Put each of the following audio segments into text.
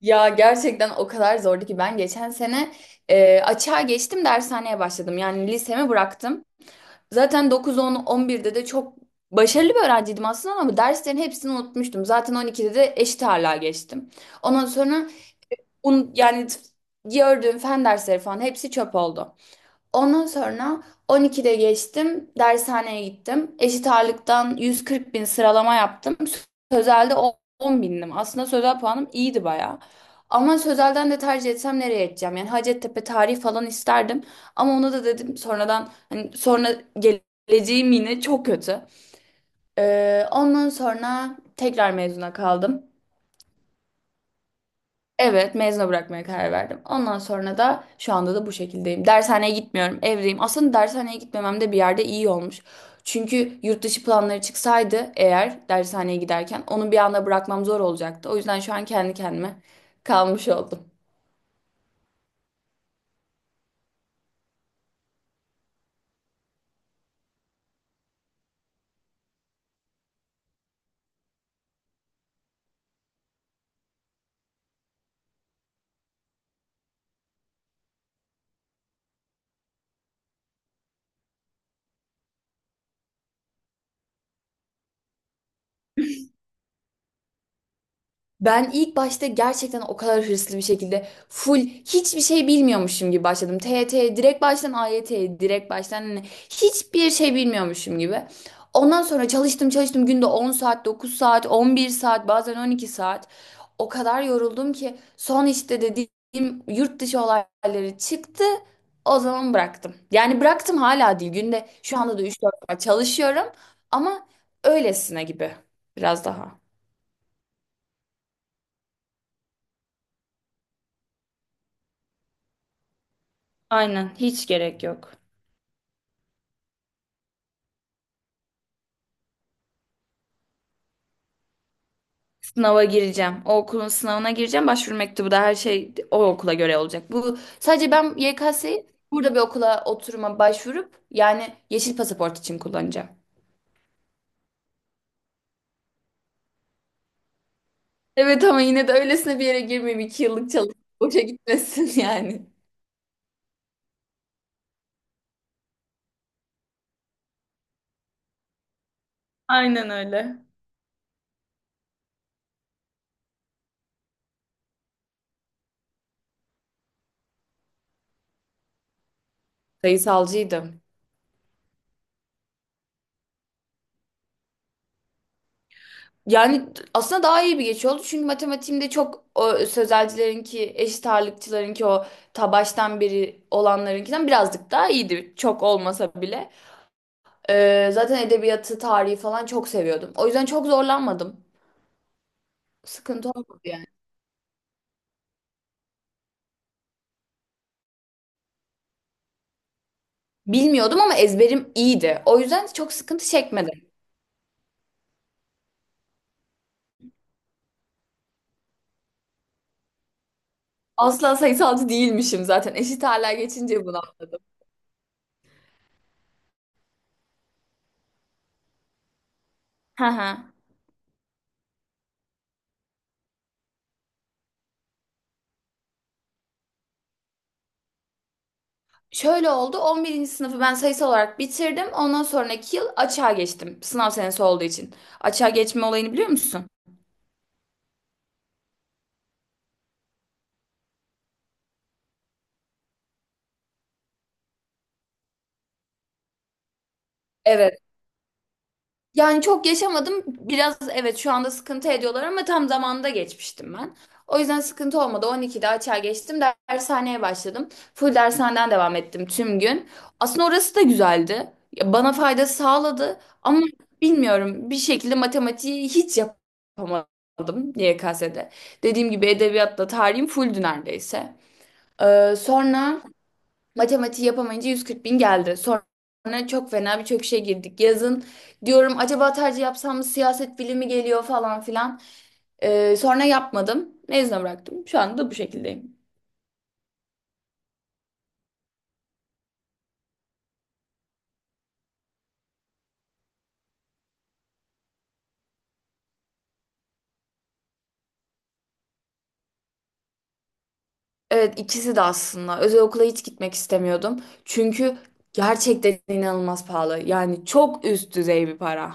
Ya gerçekten o kadar zordu ki ben geçen sene açığa geçtim dershaneye başladım. Yani lisemi bıraktım. Zaten 9, 10, 11'de de çok başarılı bir öğrenciydim aslında, ama derslerin hepsini unutmuştum. Zaten 12'de de eşit ağırlığa geçtim. Ondan sonra yani gördüğüm fen dersleri falan hepsi çöp oldu. Ondan sonra 12'de geçtim, dershaneye gittim. Eşit ağırlıktan 140 bin sıralama yaptım. Sözelde 10 bindim. Aslında sözel puanım iyiydi bayağı. Ama sözelden de tercih etsem nereye edeceğim? Yani Hacettepe tarih falan isterdim. Ama ona da dedim sonradan, hani sonra geleceğim yine çok kötü. Ondan sonra tekrar mezuna kaldım. Evet, mezuna bırakmaya karar verdim. Ondan sonra da şu anda da bu şekildeyim. Dershaneye gitmiyorum, evdeyim. Aslında dershaneye gitmemem de bir yerde iyi olmuş. Çünkü yurt dışı planları çıksaydı, eğer dershaneye giderken onu bir anda bırakmam zor olacaktı. O yüzden şu an kendi kendime kalmış oldum. Ben ilk başta gerçekten o kadar hırslı bir şekilde, full hiçbir şey bilmiyormuşum gibi başladım. TYT'ye direkt baştan, AYT'ye direkt baştan, hani hiçbir şey bilmiyormuşum gibi. Ondan sonra çalıştım çalıştım, günde 10 saat, 9 saat, 11 saat, bazen 12 saat. O kadar yoruldum ki son işte dediğim yurt dışı olayları çıktı. O zaman bıraktım. Yani bıraktım hala değil. Günde şu anda da üç dört saat çalışıyorum ama öylesine gibi, biraz daha. Aynen, hiç gerek yok. Sınava gireceğim. O okulun sınavına gireceğim. Başvuru mektubu da her şey o okula göre olacak. Bu sadece ben YKS'yi burada bir okula oturuma başvurup yani yeşil pasaport için kullanacağım. Evet, ama yine de öylesine bir yere girmeyeyim. İki yıllık çalışıp boşa gitmesin yani. Aynen öyle. Sayısalcıydım. Yani aslında daha iyi bir geçiş oldu. Çünkü matematiğimde çok, o sözelcilerinki, eşit ağırlıkçılarınki o ta baştan beri olanlarınkinden birazcık daha iyiydi. Çok olmasa bile. Zaten edebiyatı, tarihi falan çok seviyordum. O yüzden çok zorlanmadım. Sıkıntı olmadı yani. Bilmiyordum ama ezberim iyiydi. O yüzden çok sıkıntı çekmedim. Asla sayısalcı değilmişim zaten. Eşit ağırlığa geçince bunu anladım. Hı hı. Şöyle oldu. On birinci sınıfı ben sayısal olarak bitirdim. Ondan sonraki yıl açığa geçtim. Sınav senesi olduğu için. Açığa geçme olayını biliyor musun? Evet. Yani çok yaşamadım. Biraz, evet şu anda sıkıntı ediyorlar ama tam zamanında geçmiştim ben. O yüzden sıkıntı olmadı. 12'de açığa geçtim. Dershaneye başladım. Full dershaneden devam ettim tüm gün. Aslında orası da güzeldi. Ya, bana fayda sağladı ama bilmiyorum, bir şekilde matematiği hiç yapamadım YKS'de. Dediğim gibi edebiyatla tarihim fulldü neredeyse. Sonra Matematiği yapamayınca 140 bin geldi. Sonra çok fena birçok şey girdik. Yazın diyorum, acaba tercih yapsam mı, siyaset bilimi geliyor falan filan. Sonra yapmadım. Mezuna bıraktım. Şu anda da bu şekildeyim. Evet, ikisi de aslında. Özel okula hiç gitmek istemiyordum. Çünkü gerçekten inanılmaz pahalı. Yani çok üst düzey bir para.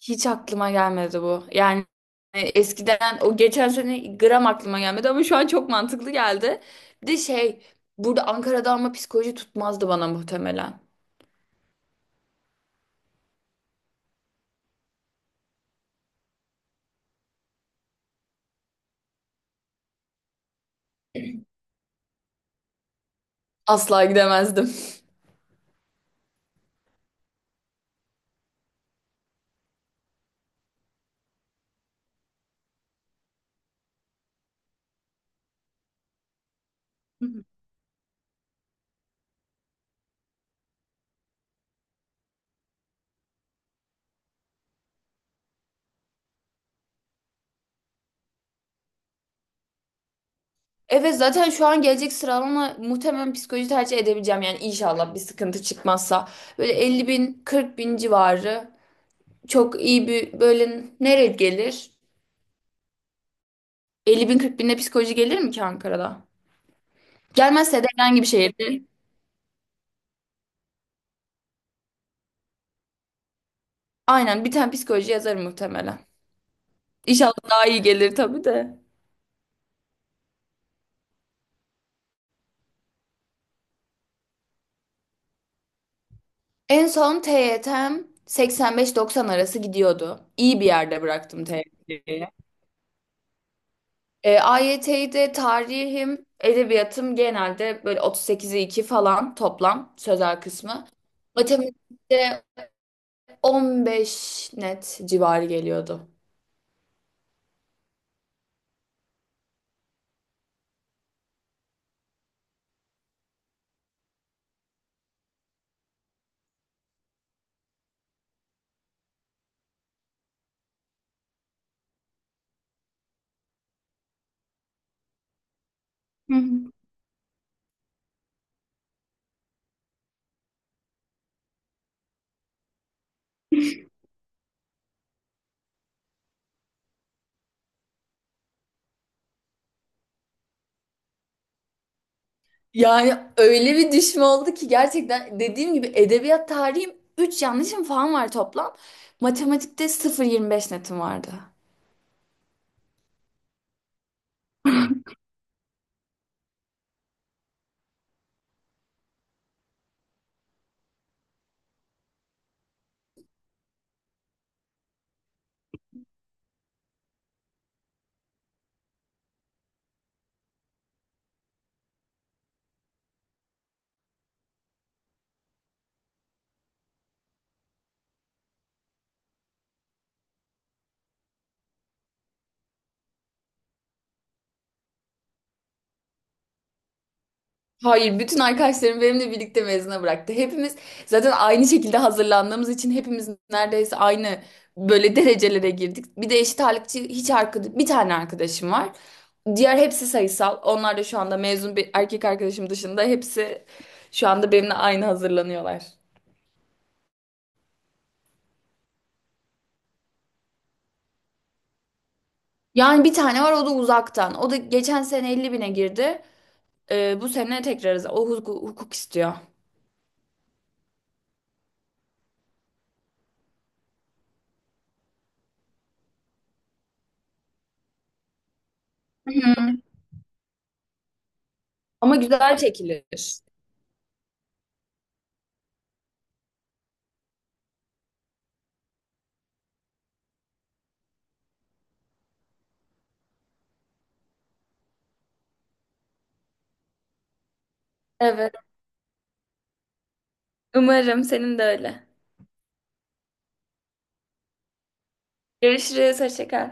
Hiç aklıma gelmedi bu. Yani eskiden, o geçen sene gram aklıma gelmedi ama şu an çok mantıklı geldi. Bir de şey, burada Ankara'da, ama psikoloji tutmazdı bana muhtemelen. Asla gidemezdim. Evet, zaten şu an gelecek sıralama muhtemelen psikoloji tercih edebileceğim. Yani inşallah bir sıkıntı çıkmazsa. Böyle 50 bin 40 bin civarı, çok iyi bir, böyle nereye gelir? 50 bin 40 binde psikoloji gelir mi ki Ankara'da? Gelmezse de herhangi bir şehirde. Aynen, bir tane psikoloji yazarım muhtemelen. İnşallah daha iyi gelir tabii de. En son TYT'm 85-90 arası gidiyordu. İyi bir yerde bıraktım TYT'yi. AYT'yi de, tarihim, edebiyatım, genelde böyle 38'e 2 falan toplam sözel kısmı. Matematikte 15 net civarı geliyordu. Hı hı. Yani öyle bir düşme oldu ki gerçekten, dediğim gibi edebiyat tarihim 3 yanlışım falan var toplam. Matematikte 0,25 netim vardı. Hayır, bütün arkadaşlarım benimle birlikte mezuna bıraktı. Hepimiz zaten aynı şekilde hazırlandığımız için hepimiz neredeyse aynı böyle derecelere girdik. Bir de eşit ağırlıkçı hiç arkadaş, bir tane arkadaşım var. Diğer hepsi sayısal. Onlar da şu anda, mezun bir erkek arkadaşım dışında, hepsi şu anda benimle aynı hazırlanıyorlar. Yani bir tane var, o da uzaktan. O da geçen sene 50 bine girdi. Bu sene tekrar o hukuk, hukuk istiyor. Hı hı. Ama güzel çekilir. Evet. Umarım senin de öyle. Görüşürüz. Hoşça kal.